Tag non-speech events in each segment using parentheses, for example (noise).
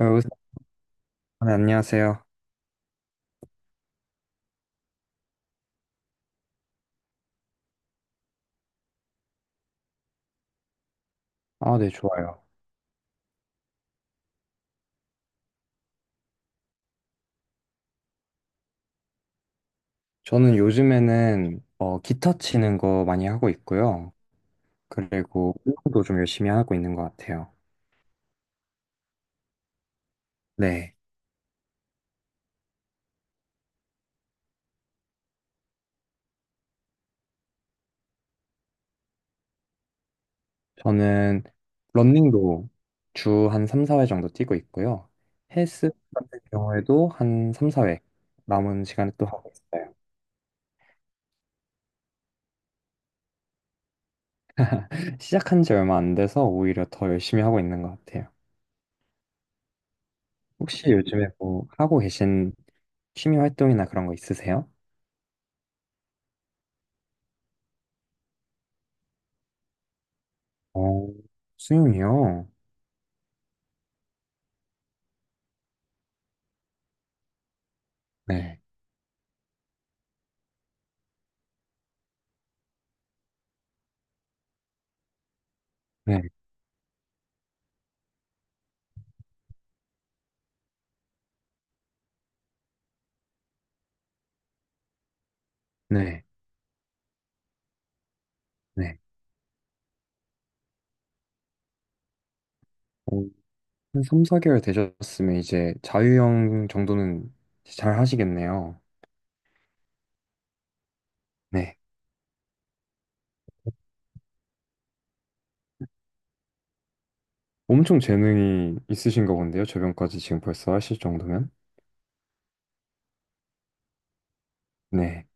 의사, 네, 안녕하세요. 아, 네, 좋아요. 저는 요즘에는 기타 치는 거 많이 하고 있고요. 그리고 운동도 좀 열심히 하고 있는 것 같아요. 네, 저는 러닝도 주 한 3, 4회 정도 뛰고 있고요. 헬스 같은 경우에도 한 3, 4회 남은 시간에 또 하고 있어요. 시작한 지 얼마 안 돼서 오히려 더 열심히 하고 있는 것 같아요. 혹시 요즘에 뭐 하고 계신 취미 활동이나 그런 거 있으세요? 어, 수영이요? 네. 네, 네, 네. 어, 한 3, 4개월 되셨으면 이제 자유형 정도는 잘 하시겠네요. 네. 엄청 재능이 있으신가 본데요. 저변까지 지금 벌써 하실 정도면. 네.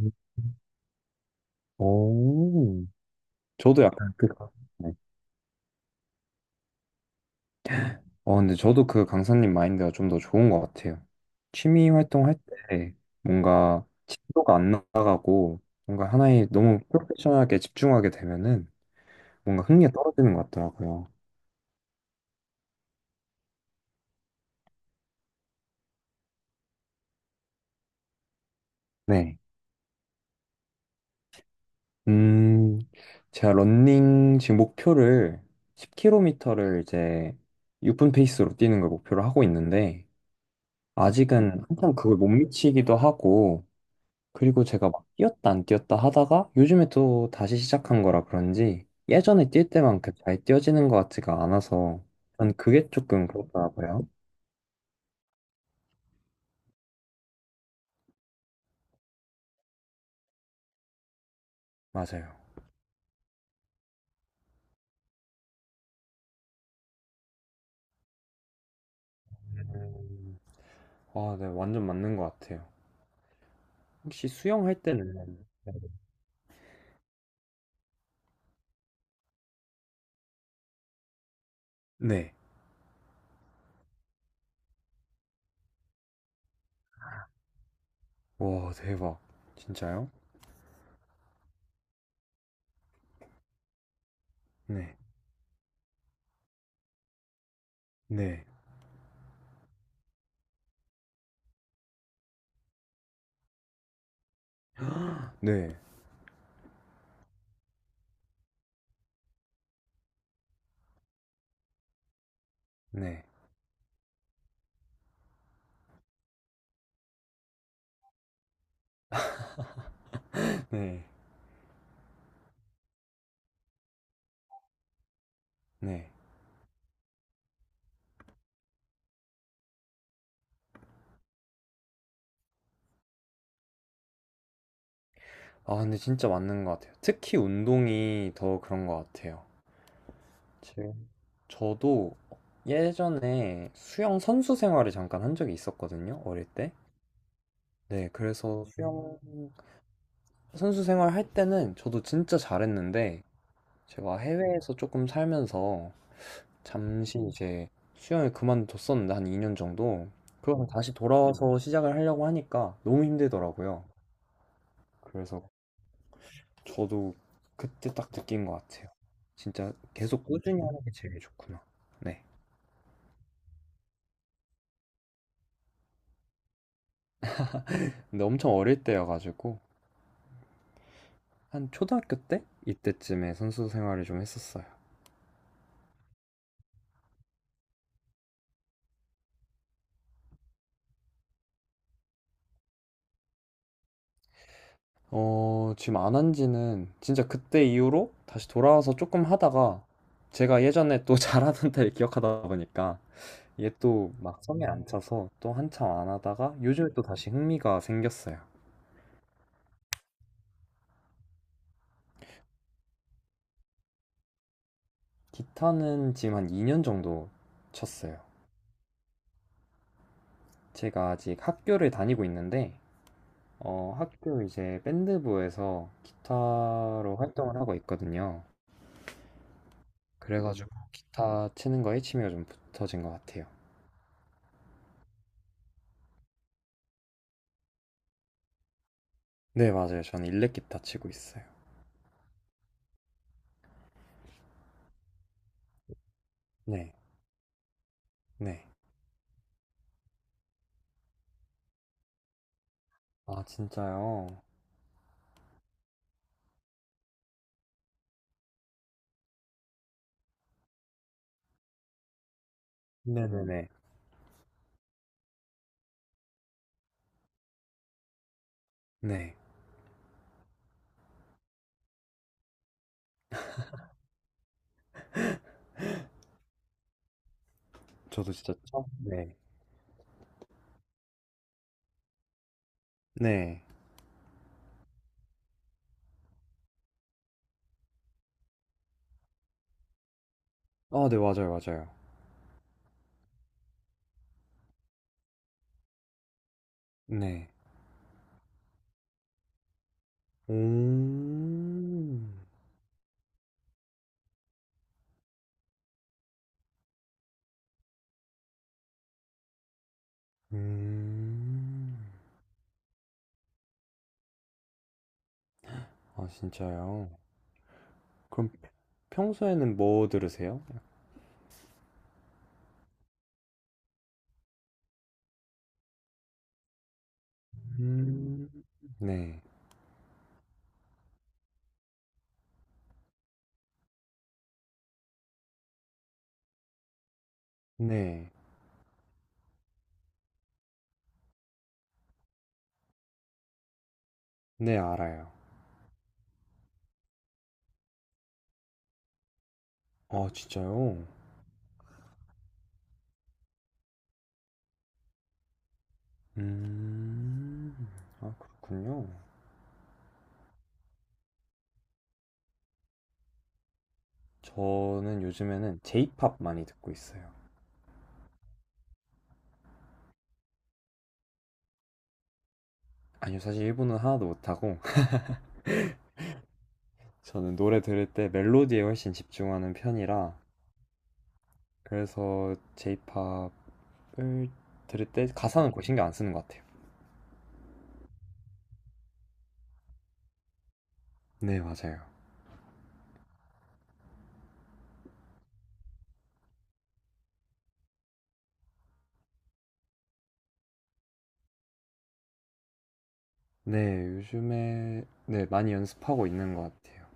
음. 오, 저도 약간 그, 네. 근데 저도 그 강사님 마인드가 좀 더 좋은 것 같아요. 취미 활동할 때 뭔가 진도가 안 나가고 뭔가 하나에 너무 프로페셔널하게 집중하게 되면은 뭔가 흥미가 떨어지는 것 같더라고요. 네. 음, 제가 러닝 지금 목표를 10km를 이제 6분 페이스로 뛰는 걸 목표로 하고 있는데 아직은 한참 그걸 못 미치기도 하고 그리고 제가 막 뛰었다 안 뛰었다 하다가 요즘에 또 다시 시작한 거라 그런지 예전에 뛸 때만큼 잘 뛰어지는 것 같지가 않아서 전 그게 조금 그렇더라고요. 맞아요. 아, 네, 완전 맞는 것 같아요. 혹시 수영할 때는 네. 와, 대박. 진짜요? 네. 네. 네. 네. 네. 네. 아, 근데 진짜 맞는 것 같아요. 특히 운동이 더 그런 것 같아요. 제- 저도 예전에 수영 선수 생활을 잠깐 한 적이 있었거든요, 어릴 때. 네, 그래서 수영 선수 생활 할 때는 저도 진짜 잘했는데, 제가 해외에서 조금 살면서 잠시 이제 수영을 그만뒀었는데, 한 2년 정도. 그러고 다시 돌아와서 시작을 하려고 하니까 너무 힘들더라고요. 그래서 저도 그때 딱 느낀 것 같아요. 진짜 계속 꾸준히 하는 게 제일 좋구나. 네. 근데 엄청 어릴 때여가지고 한 초등학교 때 이때쯤에 선수 생활을 좀 했었어요. 지금 안 한 지는 진짜 그때 이후로 다시 돌아와서 조금 하다가 제가 예전에 또 (laughs) 잘하던 때를 기억하다 보니까 이게 또 막 성에 안 차서 또 한참 안 하다가 요즘에 또 다시 흥미가 생겼어요. 기타는 지금 한 2년 정도 쳤어요. 제가 아직 학교를 다니고 있는데 학교 이제 밴드부에서 기타로 활동을 하고 있거든요. 그래가지고 기타 치는 거에 취미가 좀 붙어진 것 같아요. 네, 맞아요. 저는 일렉 기타 치고 있어요. 네, 네. 아, 진짜요? 네네네. 네. 저도 진짜 처음, 네. 네. 아, 네, 맞아요, 맞아요. 네. 오, 음, 아, 진짜요? 그럼 평소에는 뭐 들으세요? 음, 네, 네. 네, 알아요. 아, 진짜요? 음, 아, 그렇군요. 저는 요즘에는 J-pop 많이 듣고 있어요. 아니요, 사실 일본은 하나도 못하고, (laughs) 저는 노래 들을 때 멜로디에 훨씬 집중하는 편이라, 그래서 J-pop을 들을 때 가사는 거의 신경 안 쓰는 것 같아요. 네, 맞아요. 네, 요즘에, 네, 많이 연습하고 있는 것 같아요.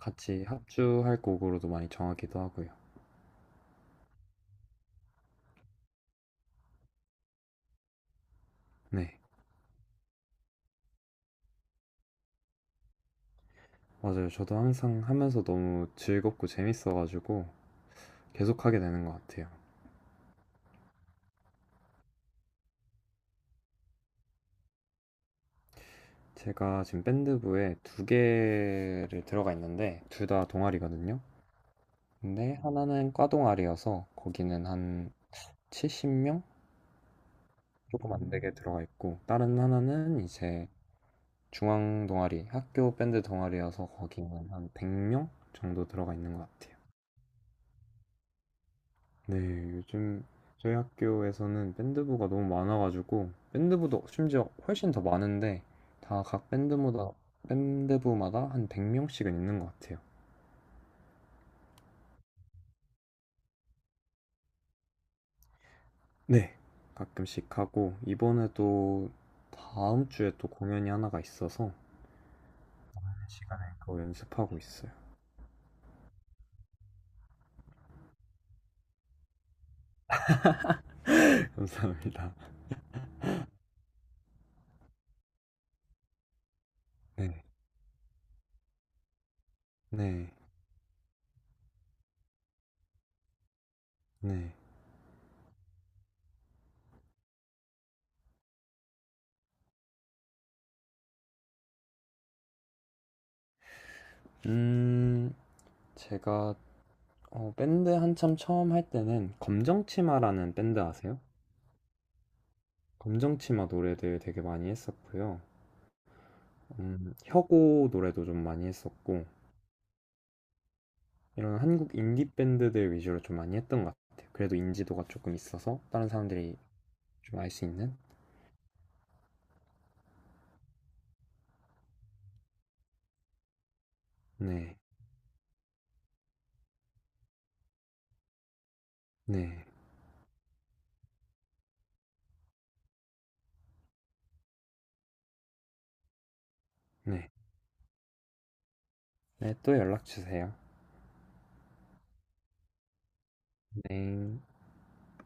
같이 합주할 곡으로도 많이 정하기도 하고요. 네. 맞아요. 저도 항상 하면서 너무 즐겁고 재밌어가지고 계속 하게 되는 것 같아요. 제가 지금 밴드부에 두 개를 들어가 있는데 둘 다 동아리거든요. 근데 하나는 과 동아리여서 거기는 한 70명 조금 안 되게 들어가 있고 다른 하나는 이제 중앙 동아리, 학교 밴드 동아리여서 거기는 한 100명 정도 들어가 있는 것 같아요. 네, 요즘 저희 학교에서는 밴드부가 너무 많아가지고 밴드부도 심지어 훨씬 더 많은데 다 각 밴드마다 밴드부마다 한 100명씩은 있는 것 같아요. 네, 가끔씩 하고 이번에도 다음 주에 또 공연이 하나가 있어서 시간에 그거 연습하고 있어요. (laughs) 감사합니다. 네, 네, 네. 음, 제가 밴드 한참 처음 할 때는 검정치마라는 밴드 아세요? 검정치마 노래들 되게 많이 했었고요. 혁오 노래도 좀 많이 했었고, 이런 한국 인디 밴드들 위주로 좀 많이 했던 것 같아요. 그래도 인지도가 조금 있어서 다른 사람들이 좀 알 수 있는? 네, 네, 네. 네, 또 연락 주세요. 네.